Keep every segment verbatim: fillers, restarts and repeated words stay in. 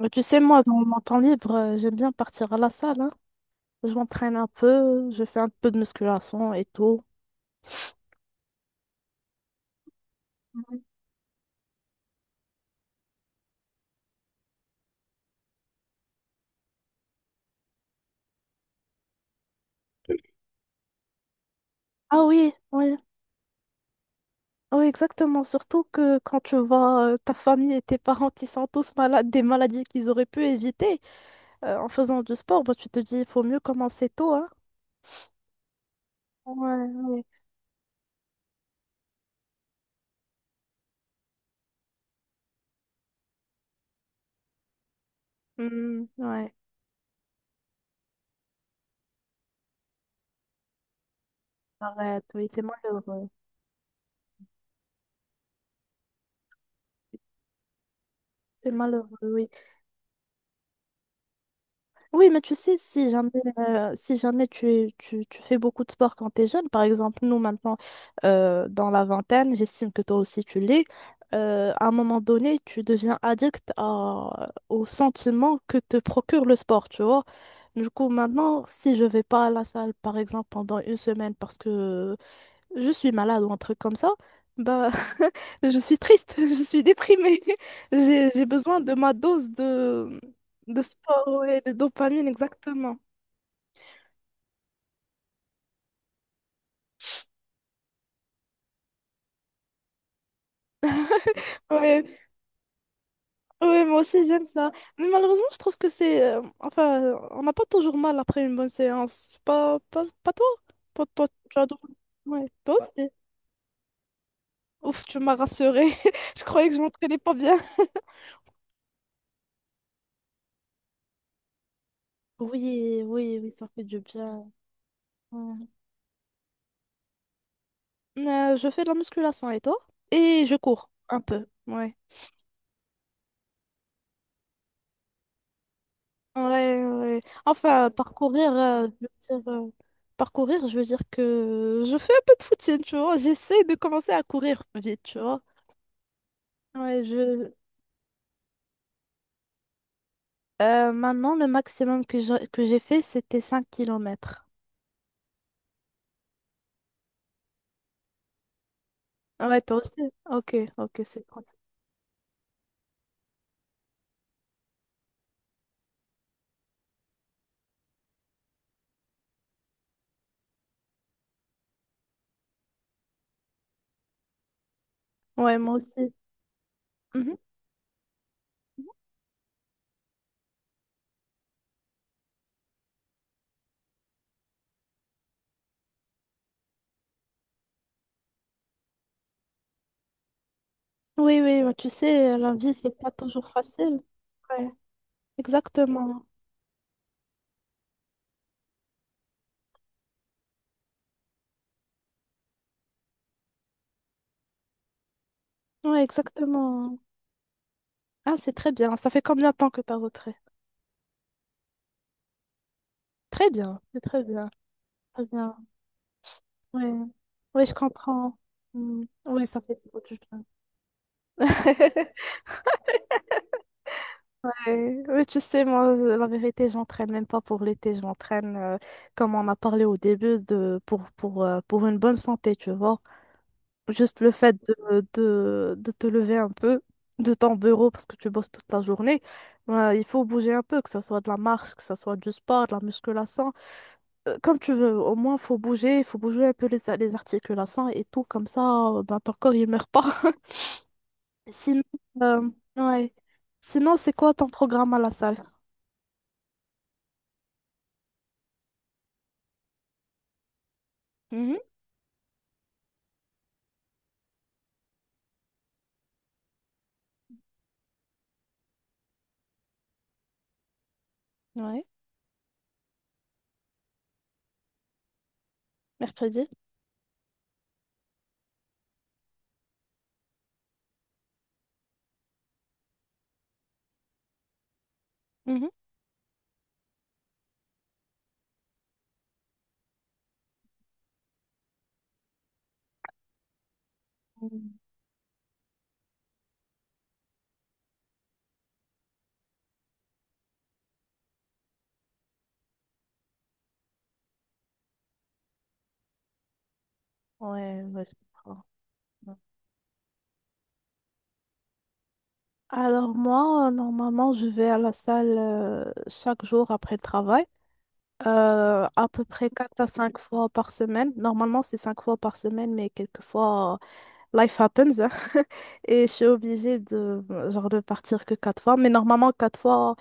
Mais tu sais, moi, dans mon temps libre, euh, j'aime bien partir à la salle, hein. Je m'entraîne un peu, je fais un peu de musculation et tout. Ah oui, oui, oui, exactement. Surtout que quand tu vois euh, ta famille et tes parents qui sont tous malades, des maladies qu'ils auraient pu éviter euh, en faisant du sport, bah, tu te dis, il faut mieux commencer tôt, hein. Ouais, ouais. Hmm, ouais. Arrête, oui, c'est malheureux. C'est malheureux, oui. Oui, mais tu sais, si jamais, euh, si jamais tu, tu, tu fais beaucoup de sport quand tu es jeune, par exemple, nous maintenant, euh, dans la vingtaine, j'estime que toi aussi tu l'es, euh, à un moment donné, tu deviens addict à- au sentiment que te procure le sport, tu vois. Du coup, maintenant, si je vais pas à la salle, par exemple, pendant une semaine parce que je suis malade ou un truc comme ça, bah, je suis triste, je suis déprimée. J'ai, j'ai besoin de ma dose de, de sport, ouais, de dopamine, exactement. Ouais, ouais, moi aussi j'aime ça. Mais malheureusement, je trouve que c'est. Euh, enfin, on n'a pas toujours mal après une bonne séance. C'est pas, pas, pas toi? Toi, toi, tu as. Toujours- Ouais, toi aussi. Ouf, tu m'as rassurée. Je croyais que je m'entraînais pas bien. Oui, oui, oui, ça fait du bien. Ouais. Euh, je fais de la musculation et toi? Et je cours un peu. Ouais. Ouais, ouais. Enfin, parcourir, euh, je veux dire, euh, parcourir, je veux dire que je fais un peu de footing, tu vois. J'essaie de commencer à courir vite, tu vois. Ouais, je... Euh, maintenant, le maximum que je- que j'ai fait, c'était cinq kilomètres. Ah ouais, toi aussi? Ok, ok, c'est cool. Ouais, moi aussi. Mhm. Oui, oui, bah, tu sais, euh, la vie, c'est pas toujours facile. Ouais, exactement. Ouais, exactement. Ah, c'est très bien. Ça fait combien de temps que t'as repris? Très bien, c'est très bien. Très bien. Oui, oui, je comprends. Mm. Oui, ça fait beaucoup du bien. Ouais. Oui, tu sais, moi, euh, la vérité, j'entraîne même pas pour l'été, j'entraîne, euh, comme on a parlé au début, de, pour, pour, euh, pour une bonne santé, tu vois. Juste le fait de, de, de te lever un peu de ton bureau parce que tu bosses toute la journée, ouais, il faut bouger un peu, que ce soit de la marche, que ce soit du sport, de la musculation. Euh, comme tu veux, au moins, faut bouger, il faut bouger un peu les, a- les articulations et tout, comme ça, euh, ben, ton corps, il meurt pas. Sinon, euh, ouais. Sinon, c'est quoi ton programme à la salle? Mhm, ouais, mercredi. Mhm. Mm, ouais, ouais, je comprends. Ouais. Alors moi, euh, normalement, je vais à la salle euh, chaque jour après le travail, euh, à peu près quatre à cinq fois par semaine. Normalement, c'est cinq fois par semaine, mais quelquefois, life happens, hein. Et je suis obligée de genre de partir que quatre fois, mais normalement quatre fois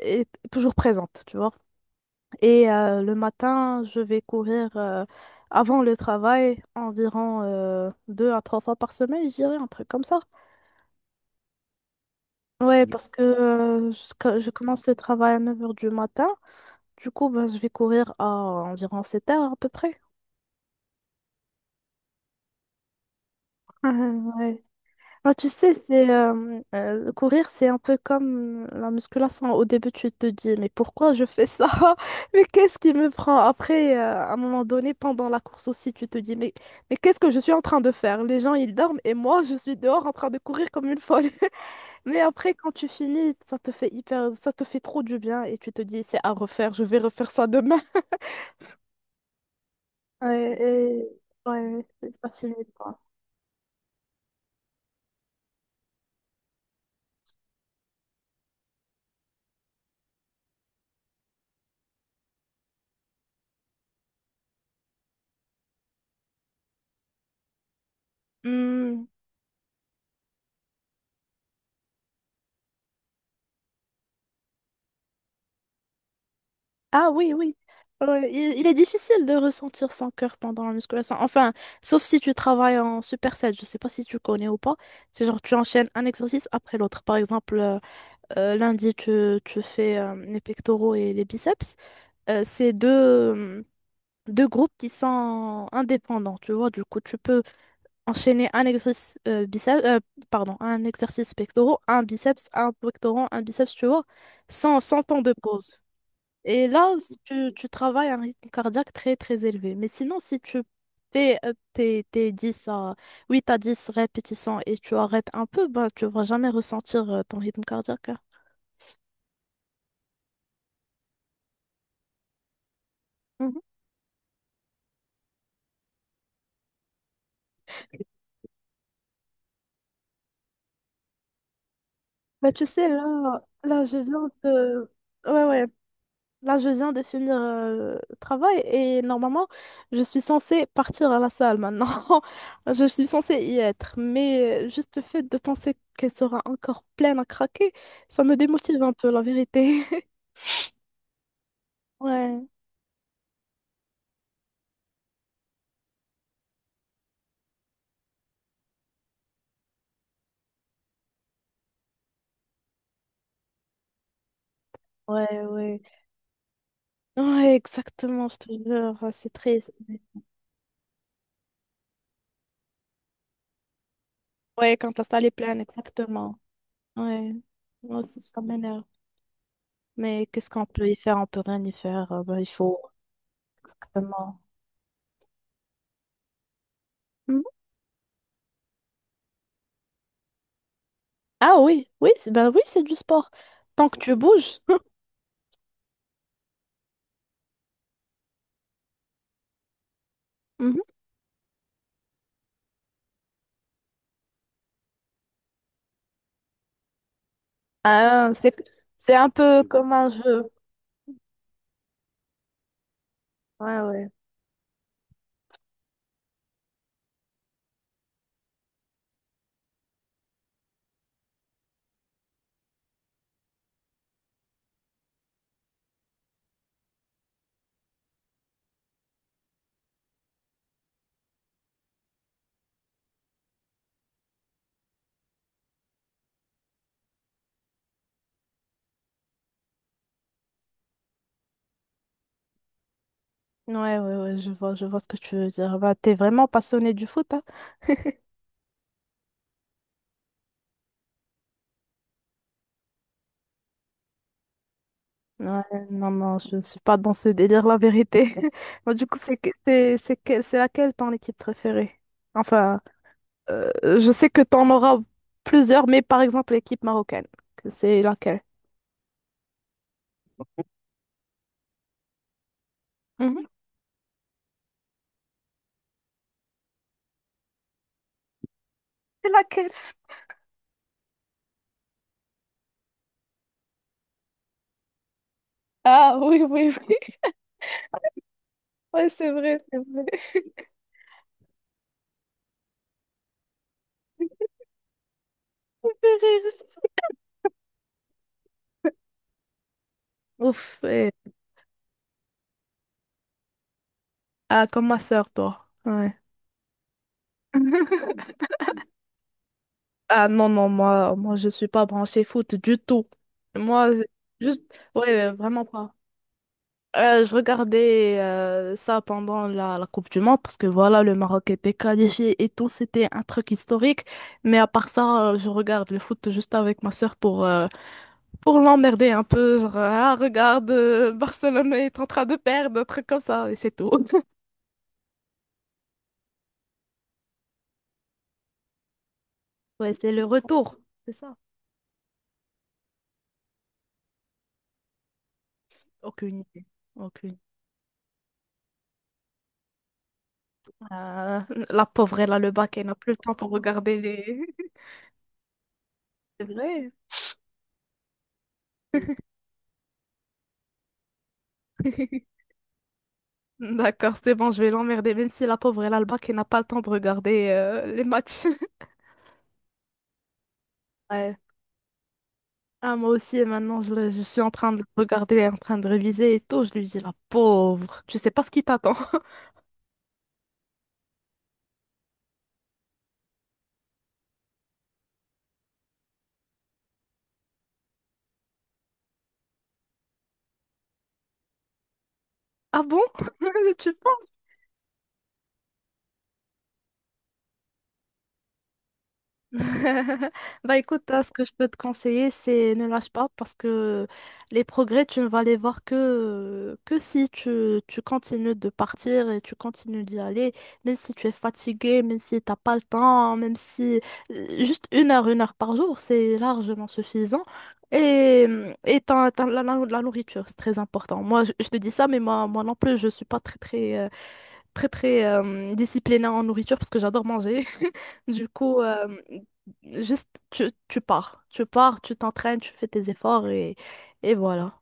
est toujours présente, tu vois. Et euh, le matin, je vais courir euh, avant le travail environ euh, deux à trois fois par semaine, je dirais un truc comme ça. Ouais, parce que euh, jusqu'à- je commence le travail à neuf heures du matin, du coup ben, je vais courir à environ sept heures à peu près. Ouais. Ah, tu sais, c'est euh, euh, courir, c'est un peu comme la musculation. Au début, tu te dis, mais pourquoi je fais ça? Mais qu'est-ce qui me prend? Après, euh, à un moment donné, pendant la course aussi, tu te dis, mais, mais qu'est-ce que je suis en train de faire? Les gens, ils dorment et moi, je suis dehors en train de courir comme une folle. Mais après, quand tu finis, ça te fait hyper, ça te fait trop du bien et tu te dis, c'est à refaire, je vais refaire ça demain. Ouais, et- ouais, c'est pas fini, quoi. Ah oui, oui. Ouais, il, il est difficile de ressentir son cœur pendant la musculation. Enfin, sauf si tu travailles en superset. Je sais pas si tu connais ou pas. C'est genre tu enchaînes un exercice après l'autre. Par exemple, euh, euh, lundi, tu, tu fais euh, les pectoraux et les biceps. Euh, c'est deux, euh, deux groupes qui sont indépendants, tu vois. Du coup, tu peux enchaîner un exercice euh, biceps, euh, pardon, un exercice pectoraux, un biceps, un pectoraux, un biceps, tu vois, sans, sans temps de pause. Et là, s- tu, tu travailles à un rythme cardiaque très très élevé. Mais sinon, si tu fais euh, tes, tes dix à huit à dix répétitions et tu arrêtes un peu, bah, tu vas jamais ressentir euh, ton rythme cardiaque, hein. Mhm. Bah, tu sais, là, là, je viens de... Ouais, ouais. Là, je viens de finir euh, le travail et normalement, je suis censée partir à la salle maintenant. Je suis censée y être. Mais euh, juste le fait de penser qu'elle sera encore pleine à craquer, ça me démotive un peu, la vérité. Ouais, ouais, ouais. Ouais, exactement, je te jure, ouais, c'est triste. Ouais, quand la salle est pleine, exactement. Ouais, moi aussi, ça m'énerve. Mais qu'est-ce qu'on peut y faire? On peut rien y faire. Euh, ben, il faut, exactement. Mhm. Ah oui, oui, c'est- ben oui, c'est du sport. Tant que tu bouges. Mhm. Ah, c'est, c'est un peu comme un jeu. Ouais, ouais. Ouais, ouais, ouais, je vois, je vois ce que tu veux dire. Bah, t'es vraiment passionné du foot, hein? Ouais, non, non, je ne suis pas dans ce délire, la vérité. Moi, du coup, c'est que- c'est c'est que- c'est laquelle ton équipe préférée? Enfin, euh, je sais que t'en auras plusieurs, mais par exemple, l'équipe marocaine, que c'est laquelle? Mhm. C'est laquelle? Ah, oui, oui, oui. Ouais, c'est vrai, c'est vrai. Ça fait rire. Ouf, ouais. Ah, comme ma sœur, toi. Ouais. Ah, non, non, moi, moi, je suis pas branchée foot du tout. Moi, juste, ouais, euh, vraiment pas. Euh, je regardais euh, ça pendant la, la Coupe du Monde parce que voilà, le Maroc était qualifié et tout, c'était un truc historique. Mais à part ça, euh, je regarde le foot juste avec ma sœur pour, euh, pour l'emmerder un peu. Genre, ah, regarde, euh, Barcelone est en train de perdre, un truc comme ça, et c'est tout. Ouais, c'est le retour, c'est ça. Aucune idée. Aucune. Euh, la pauvre, elle a le bac, elle n'a plus le temps pour regarder les. C'est vrai. D'accord, c'est bon, je vais l'emmerder, même si la pauvre elle a le bac et n'a pas le temps de regarder euh, les matchs. Ouais. Ah, moi aussi, maintenant, je, le- je suis en train de le regarder, en train de réviser et tout. Je lui dis, la pauvre, tu sais pas ce qui t'attend. Ah bon? Tu Bah écoute, hein, ce que je peux te conseiller, c'est ne lâche pas parce que les progrès, tu ne vas les voir que, que si tu, tu continues de partir et tu continues d'y aller, même si tu es fatigué, même si t'as pas le temps, même si euh, juste une heure, une heure par jour, c'est largement suffisant. Et, hum, et t'as- t'as la, la- la nourriture, c'est très important. Moi, je, je te dis ça, mais moi, moi non plus, je suis pas très, très très très euh, disciplinée en nourriture parce que j'adore manger. Du coup, euh, juste tu, tu pars, tu pars, tu t'entraînes, tu fais tes efforts et, et voilà.